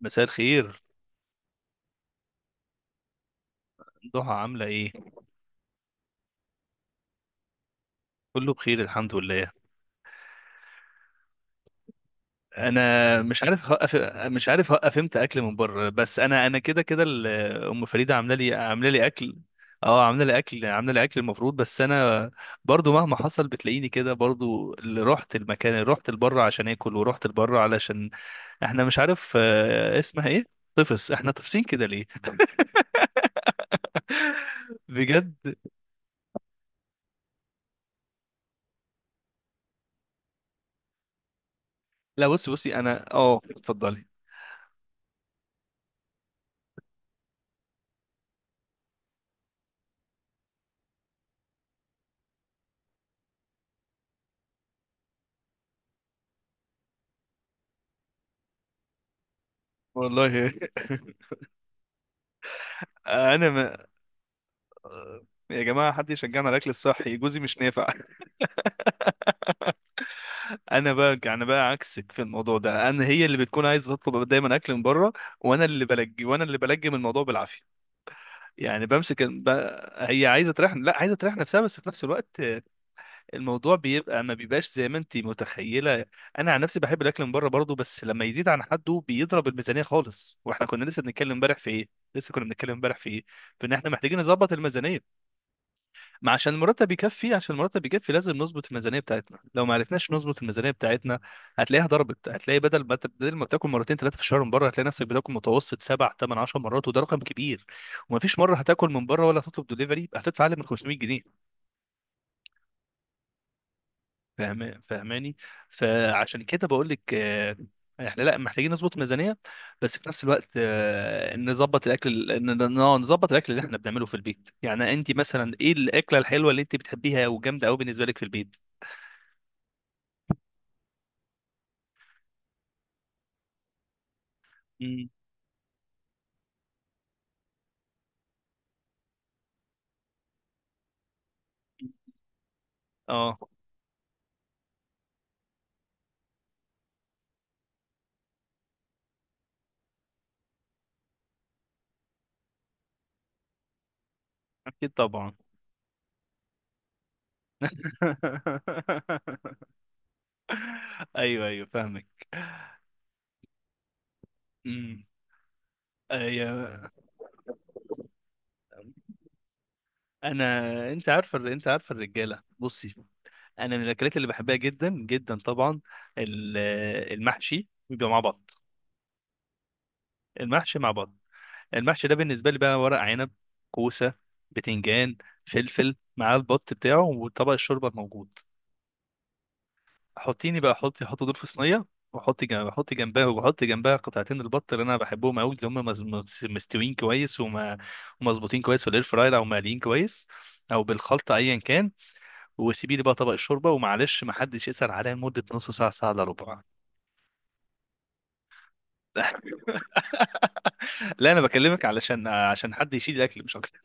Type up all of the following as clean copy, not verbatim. مساء الخير. ضحى عاملة ايه؟ كله بخير الحمد لله. انا مش عارف هقف امتى اكل من بره، بس انا كده كده، ام فريدة عاملة لي اكل. اه عاملة لي اكل المفروض، بس انا برضو مهما حصل بتلاقيني كده. برضو اللي رحت المكان اللي رحت لبره عشان اكل ورحت لبره علشان احنا مش عارف، اسمها ايه؟ طفس، احنا طفسين كده ليه؟ بجد. لا، بصي، انا اتفضلي. والله. انا يا جماعة حد يشجعنا على الأكل الصحي، جوزي مش نافع. أنا بقى عكسك في الموضوع ده، أنا هي اللي بتكون عايزة تطلب دايما أكل من بره، وأنا اللي بلجم الموضوع بالعافية. يعني بمسك هي عايزة تريح، لا عايزة تريح نفسها، بس في نفس الوقت، الموضوع بيبقى، ما بيبقاش زي ما أنت متخيلة. أنا عن نفسي بحب الأكل من بره برضه، بس لما يزيد عن حده بيضرب الميزانية خالص. وإحنا كنا لسه بنتكلم امبارح في إيه، لسه كنا بنتكلم امبارح في إيه في إن إحنا محتاجين نظبط الميزانية. ما عشان المرتب يكفي، لازم نظبط الميزانيه بتاعتنا. لو ما عرفناش نظبط الميزانيه بتاعتنا هتلاقيها ضربت. هتلاقي بدل ما بتاكل مرتين ثلاثه في الشهر من بره، هتلاقي نفسك بتاكل متوسط سبع ثمان 10 مرات، وده رقم كبير. ومفيش مره هتاكل من بره ولا هتطلب دليفري يبقى هتدفع اقل من 500 جنيه. فاهم، فاهماني. فعشان كده بقول لك احنا لا محتاجين نظبط الميزانيه، بس في نفس الوقت نظبط الاكل، نظبط الاكل اللي احنا بنعمله في البيت. يعني انت مثلا ايه الاكله الحلوه اللي انت بتحبيها وجامده قوي بالنسبه لك في البيت؟ مم. اه اكيد طبعا. ايوه ايوه، فاهمك. امم. أيوة. انا، انت عارفه انت عارفه الرجاله بصي، انا من الاكلات اللي بحبها جدا جدا طبعا ال- المحشي بيبقى مع بط. المحشي مع بط. المحشي ده بالنسبه لي بقى ورق عنب، كوسه، بتنجان، فلفل، مع البط بتاعه وطبق الشوربه الموجود. حطيني بقى، حطي دول في صينيه، وحطي جنبها وحطي جنبها قطعتين البط اللي انا بحبهم قوي، اللي هم مستويين كويس ومظبوطين كويس في الاير فراير او مقليين كويس، او بالخلطه ايا كان. وسيبي لي بقى طبق الشوربه، ومعلش ما حدش يسال عليا لمده نص ساعه، ساعه الا ربع. لا انا بكلمك علشان، حد يشيل الاكل مش اكتر.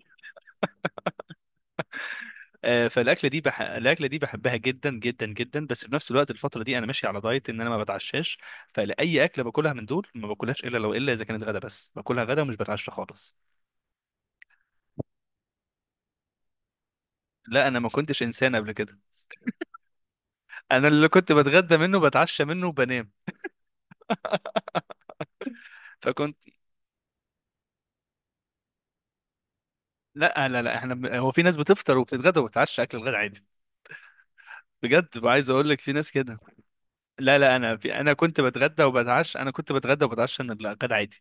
الاكله دي بحبها جدا جدا جدا، بس في نفس الوقت الفتره دي انا ماشي على دايت ان انا ما بتعشاش. فلاي اكله باكلها من دول ما باكلهاش الا لو، اذا كانت غدا، بس باكلها غدا ومش بتعشى خالص. لا انا ما كنتش انسان قبل كده، انا اللي كنت بتغدى منه بتعشى منه وبنام. فكنت، لا لا لا، احنا هو في ناس بتفطر وبتتغدى وبتتعشى اكل الغدا عادي. بجد عايز اقول لك في ناس كده. لا لا، انا كنت بتغدى وبتعشى، من الغدا عادي.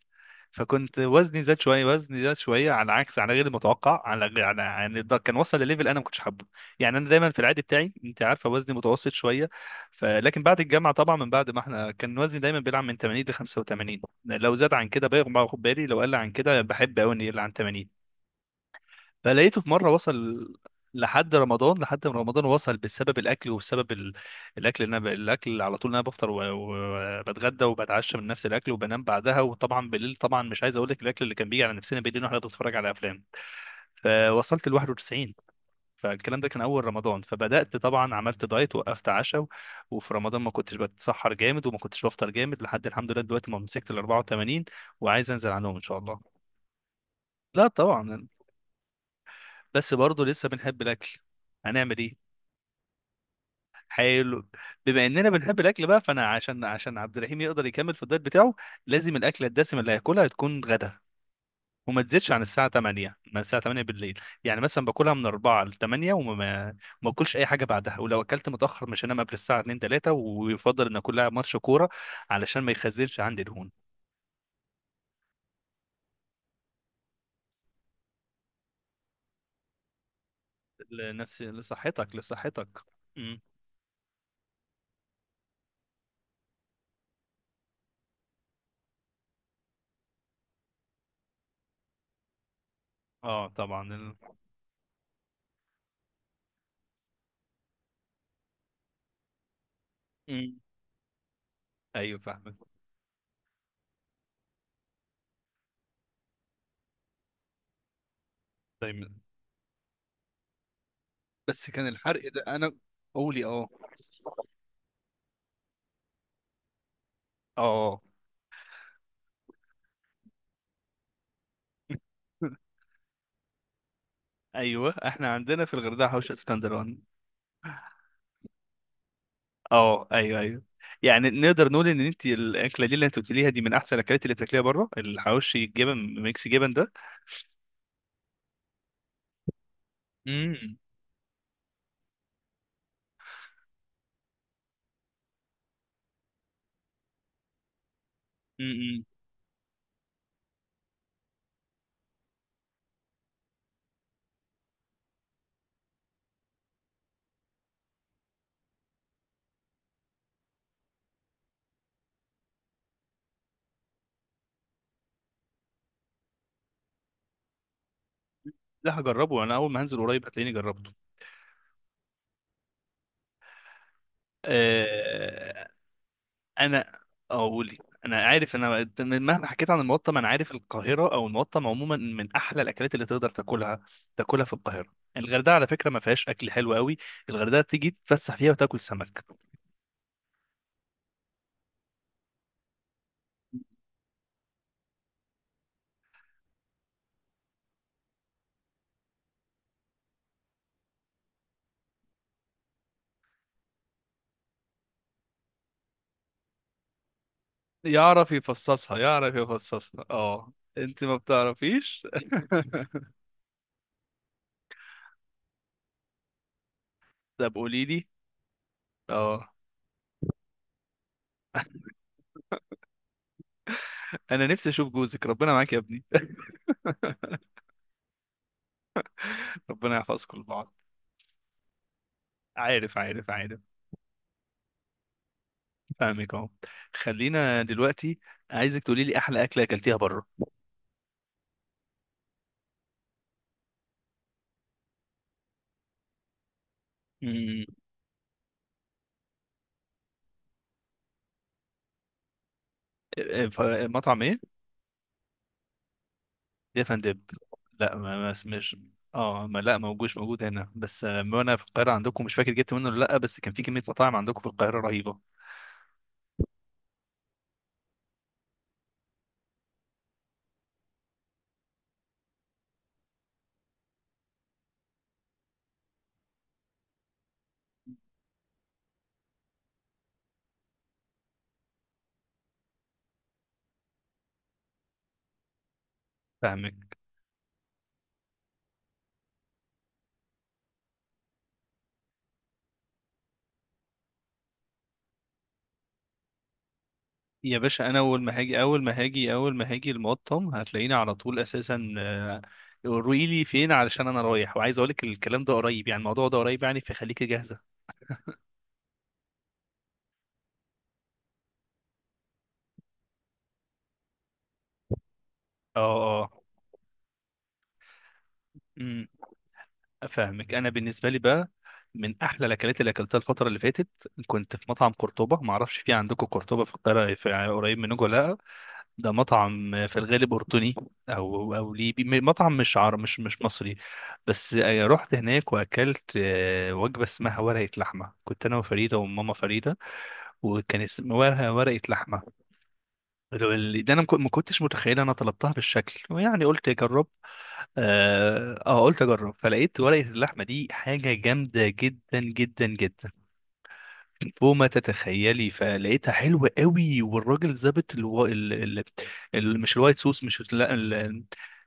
فكنت وزني زاد شويه، على عكس، على غير المتوقع على غير على يعني ده كان وصل لليفل انا ما كنتش حابه. يعني انا دايما في العادي بتاعي، انت عارفه، وزني متوسط شويه. لكن بعد الجامعه طبعا، من بعد ما احنا كان وزني دايما بيلعب من 80 ل 85. لو زاد عن كده باخد بالي، لو قل عن كده بحب قوي انه يقل عن 80. فلقيته في مره وصل، لحد ما رمضان وصل بسبب الاكل وبسبب الاكل اللي انا الاكل اللي على طول انا بفطر وبتغدى بتغدى وبتعشى من نفس الاكل وبنام بعدها. وطبعا بالليل طبعا مش عايز اقول لك الاكل اللي كان بيجي على نفسنا بالليل واحنا بنتفرج على افلام. فوصلت ل 91. فالكلام ده كان اول رمضان، فبدات طبعا عملت دايت وقفت عشاء وفي رمضان ما كنتش بتسحر جامد وما كنتش بفطر جامد، لحد الحمد لله دلوقتي ما مسكت ال 84 وعايز انزل عنهم ان شاء الله. لا طبعا، بس برضه لسه بنحب الاكل، هنعمل ايه؟ حلو. بما اننا بنحب الاكل بقى، فانا عشان عبد الرحيم يقدر يكمل في الدايت بتاعه لازم الاكله الدسمه اللي هياكلها تكون غدا، وما تزيدش عن الساعه 8، من الساعه 8 بالليل، يعني مثلا باكلها من 4 ل 8 وما ما ما اكلش اي حاجه بعدها. ولو اكلت متاخر مش هنام قبل الساعه 2 3، ويفضل ان اكلها ماتش كوره علشان ما يخزنش عندي دهون. لنفسي، لصحتك، لصحتك. امم. اه طبعا امم. ايوه فاهمك. طيب، بس كان الحرق ده، انا. قولي اه. اه. ايوه احنا عندنا في الغردقه حوش اسكندراني. اه ايوه ايوه. يعني نقدر نقول ان انت الاكله دي اللي انت قلتيها دي من احسن الاكلات اللي تاكليها بره، الحواوشي الجبن، ميكس جبن ده. امم. امم. لا هجربه، انا اول ما هنزل قريب هتلاقيني جربته. آه، انا، اقولي، انا عارف، مهما حكيت عن المقطم انا عارف القاهره او المقطم عموما من احلى الاكلات اللي تقدر تاكلها، تاكلها في القاهره. الغردقه على فكره ما فيهاش اكل حلو قوي، الغردقه تيجي تتفسح فيها وتاكل سمك. يعرف يفصصها اه. انت ما بتعرفيش. طب قولي لي. اه. انا نفسي اشوف جوزك، ربنا معاك يا ابني. ربنا يحفظكم لبعض. عارف. فاهمك اهو. خلينا دلوقتي، عايزك تقولي لي احلى اكله اكلتيها بره. مطعم ايه؟ ديف اند ديب. لا، ما اسمش. اه ما لا موجودش، موجود هنا. بس وانا في القاهره عندكم مش فاكر جبت منه ولا لا، بس كان في كميه مطاعم عندكم في القاهره رهيبه. فاهمك. يا باشا انا اول ما هاجي اول ما هاجي اول ما هاجي المقطم هتلاقيني على طول اساسا. قولي لي فين، علشان انا رايح وعايز اقول لك الكلام ده قريب، يعني الموضوع ده قريب، يعني فخليكي جاهزه. اه. اه فاهمك. انا بالنسبه لي بقى، من احلى الاكلات اللي اكلتها الفتره اللي فاتت، كنت في مطعم قرطبه. ما اعرفش في عندكم قرطبه في القاهره في قريب منكم ولا لا. ده مطعم في الغالب اردني، او ليبي، مطعم مش عرب، مش مصري. بس رحت هناك واكلت وجبه اسمها ورقه لحمه. كنت انا وفريده وماما فريده. وكان اسم ورقه لحمه. ده انا ما كنتش متخيل انا طلبتها بالشكل، ويعني قلت اجرب. اه آه، قلت اجرب فلقيت ورقه اللحمه دي حاجه جامده جدا جدا جدا، فوق ما تتخيلي. فلقيتها حلوة قوي. والراجل ظابط الو... ال... ال... ال... مش الوايت صوص، مش لا،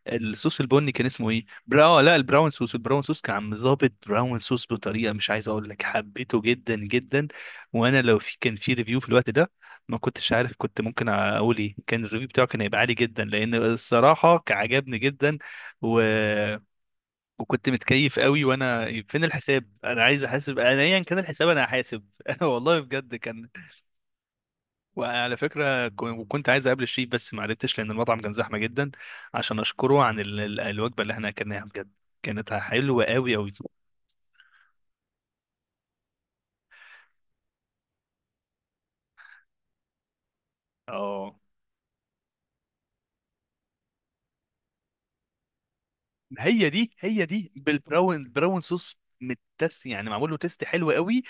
الصوص البني كان اسمه ايه، براو لا البراون صوص، كان عم ظابط براون صوص بطريقة مش عايز اقول لك، حبيته جدا جدا. وانا لو في، كان في ريفيو في الوقت ده، ما كنتش عارف كنت ممكن اقول ايه، كان الريفيو بتاعه كان هيبقى عالي جدا، لان الصراحة كان عجبني جدا. و... وكنت متكيف قوي. وانا فين الحساب، انا عايز احاسب، انا ايا كان الحساب انا هحاسب. والله بجد كان. وعلى فكره وكنت عايز اقابل الشيف بس ما عرفتش لان المطعم كان زحمه جدا، عشان اشكره عن الوجبه اللي احنا اكلناها. بجد كانت حلوه قوي قوي. اه هي دي بالبراون، براون صوص، متس، يعني معمول له تيست حلو قوي.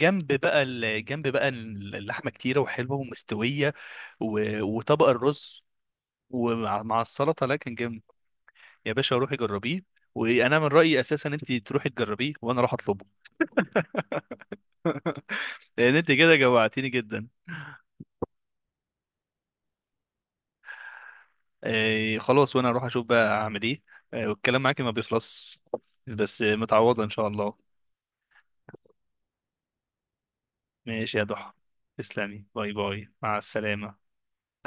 جنب بقى جنب بقى اللحمه كتيره وحلوه ومستويه وطبق الرز، ومع السلطه، لكن جامد. يا باشا روحي جربيه، وانا من رايي اساسا انت تروحي تجربيه وانا اروح اطلبه. لان انت كده جوعتيني جدا. آه خلاص، وانا اروح اشوف بقى اعمل ايه. آه والكلام معاكي ما بيخلص، بس متعوضه ان شاء الله. ماشي يا ضحى. تسلمي، باي باي مع السلامه.